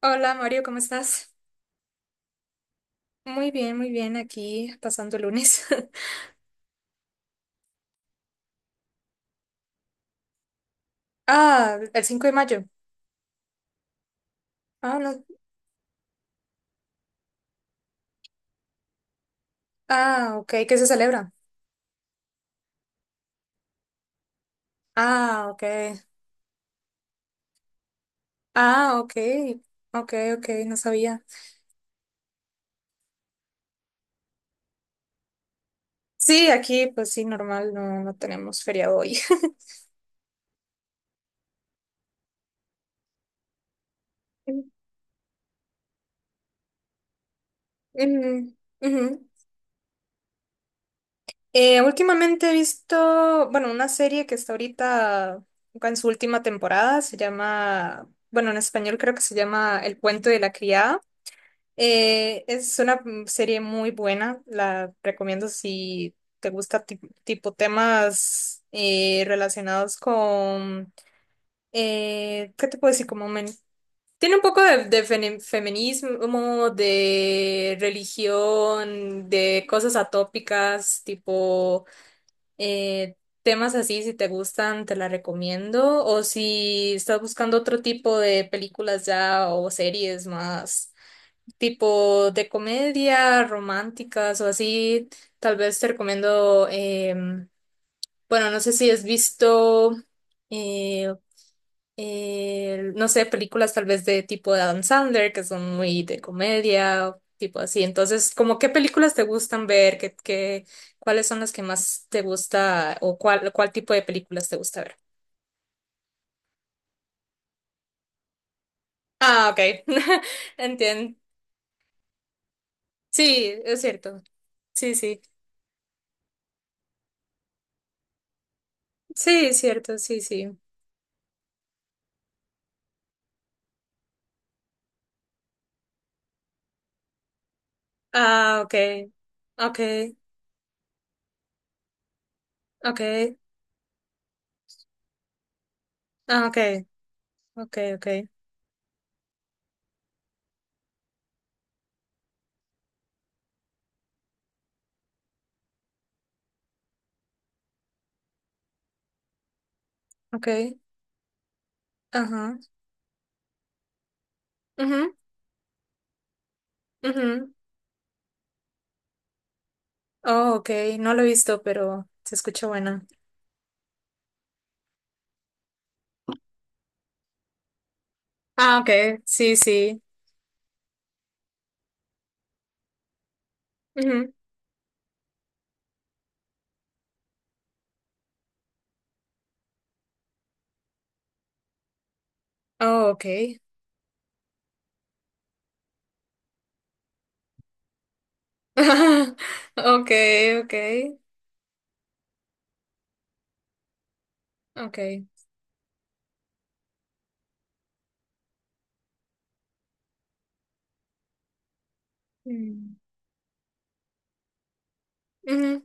Hola Mario, ¿cómo estás? Muy bien, aquí pasando el lunes. Ah, el 5 de mayo. Ah, no. Ah, ok, ¿qué se celebra? Ah, ok. Ah, ok. Ok, ok, no sabía. Sí, aquí pues sí, normal, no, no tenemos feriado hoy. Ujú, ujú. Últimamente he visto, bueno, una serie que está ahorita en su última temporada, se llama, bueno, en español creo que se llama El cuento de la criada. Es una serie muy buena, la recomiendo si te gusta tipo temas relacionados con, ¿qué te puedo decir? Tiene un poco de, de feminismo, de religión, de cosas atópicas, tipo eh, temas así, si te gustan, te la recomiendo. O si estás buscando otro tipo de películas ya o series más tipo de comedia, románticas o así, tal vez te recomiendo, bueno, no sé si has visto, eh, no sé, películas tal vez de tipo de Adam Sandler, que son muy de comedia, o tipo así. Entonces, como qué películas te gustan ver, qué, qué, cuáles son las que más te gusta o cuál, cuál tipo de películas te gusta ver. Ah, ok. Entiendo. Sí, es cierto. Sí, sí. Sí, es cierto, sí, sí. Ah, okay, okay, okay, ah, okay, okay, okay, okay, ajá, mhm, mhm, oh, okay, no lo he visto, pero se escucha buena. Ah, okay, sí, sí, mhm, oh, okay, okay, okay, okay, mm, ujú.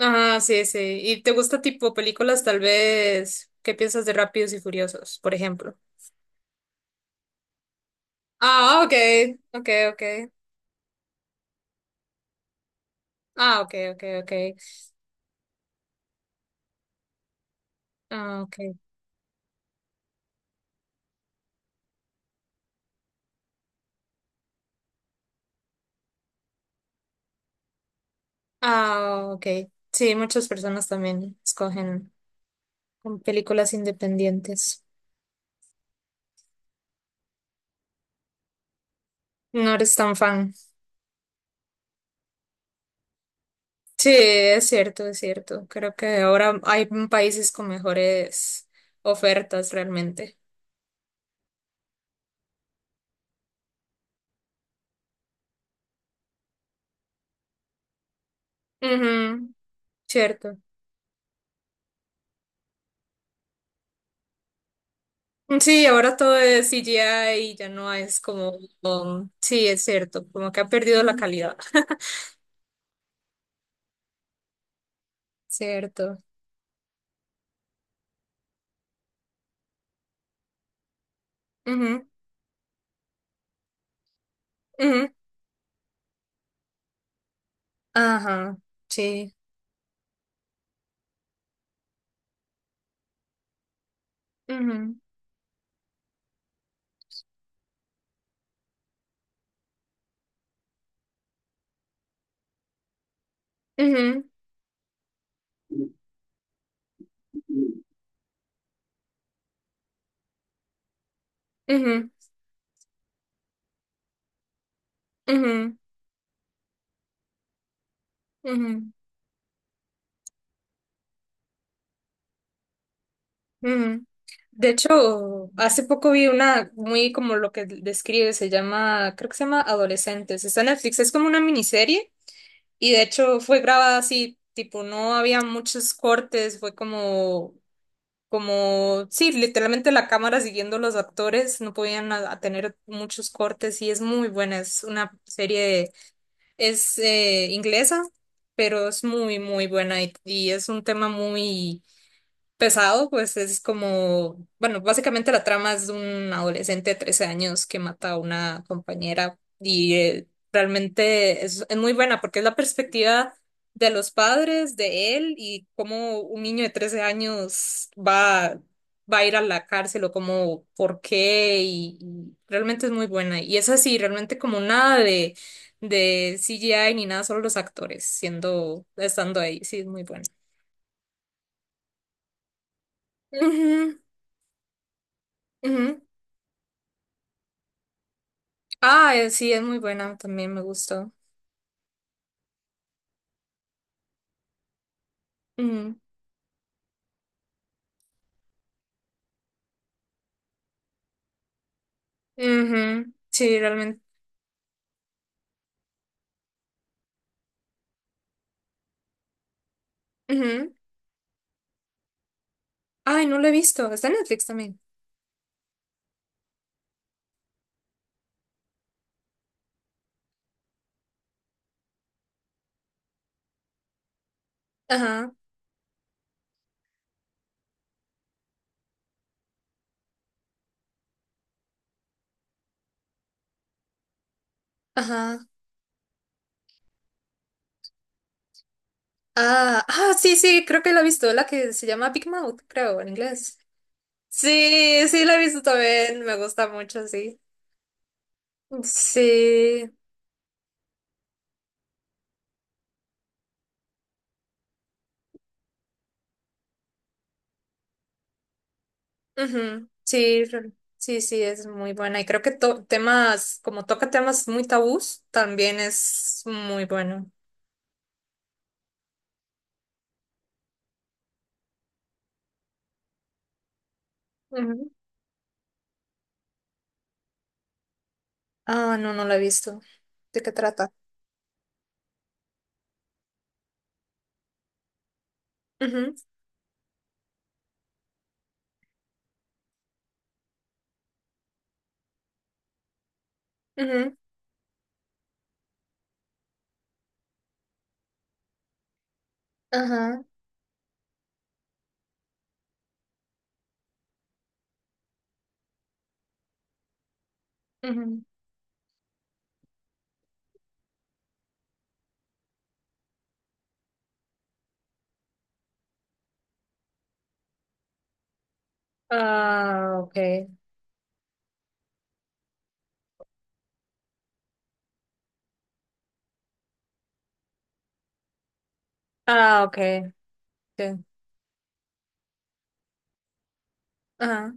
Ah, sí, sí. ¿Y te gusta tipo películas tal vez? ¿Qué piensas de Rápidos y Furiosos, por ejemplo? Ah, okay, okay, okay, ah, okay, okay, okay. Ah, ok. Ah, ok. Sí, muchas personas también escogen con películas independientes. No eres tan fan. Sí, es cierto, es cierto. Creo que ahora hay países con mejores ofertas realmente. Ujú, cierto. Sí, ahora todo es CGI y ya no es como... sí, es cierto, como que ha perdido la calidad. Cierto. Ujú, ujú. Ajá, sí. Ujú, ujú, ujú, ujú, ujú. Ujú. De hecho, hace poco vi una muy como lo que describe, se llama, creo que se llama Adolescentes. Está en Netflix, es como una miniserie y de hecho fue grabada así, tipo, no había muchos cortes, fue como, como, sí, literalmente la cámara siguiendo los actores, no podían a tener muchos cortes y es muy buena, es una serie, es inglesa, pero es muy, muy buena y es un tema muy pesado, pues es como, bueno, básicamente la trama es de un adolescente de 13 años que mata a una compañera y realmente es muy buena porque es la perspectiva de los padres, de él y cómo un niño de 13 años va, va a ir a la cárcel o cómo, por qué y realmente es muy buena. Y es así, realmente como nada de, de CGI ni nada, solo los actores siendo, estando ahí, sí, es muy buena. Ujú, ujú. Ah, sí, es muy buena, también me gustó. Ujú. Ujú. Sí, realmente. Ujú. Ay, no lo he visto, está en Netflix también. Ajá, ajá. Ah, ah, sí, sí, creo que la he visto, la que se llama Big Mouth, creo, en inglés. Sí, sí, la he visto también, me gusta mucho, sí. Sí, ujú, Sí, sí, sí, es muy buena. Y creo que temas, como toca temas muy tabús, también es muy bueno. Ujú. Ah, no, no la he visto. ¿De qué trata? Ujú, ujú, Ajá, ujú. Ah, ok. Ah, ok. Sí. Ajá.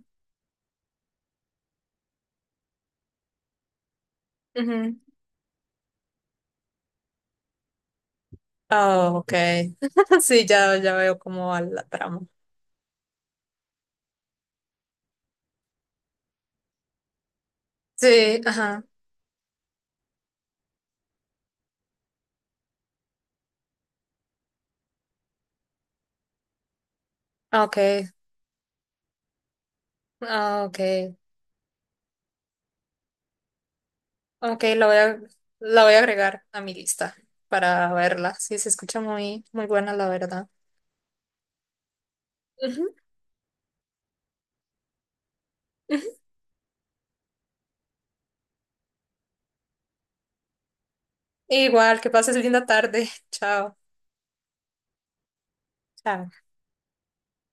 Ujú. Ah, ok. Sí, ya, ya veo cómo va la trama. Sí, ajá. Ok. Ah, ok. Ok, la voy a, la voy a agregar a mi lista para verla. Sí, se escucha muy, muy buena, la verdad. Ujú, ujú. Igual, que pases linda tarde. Chao. Chao.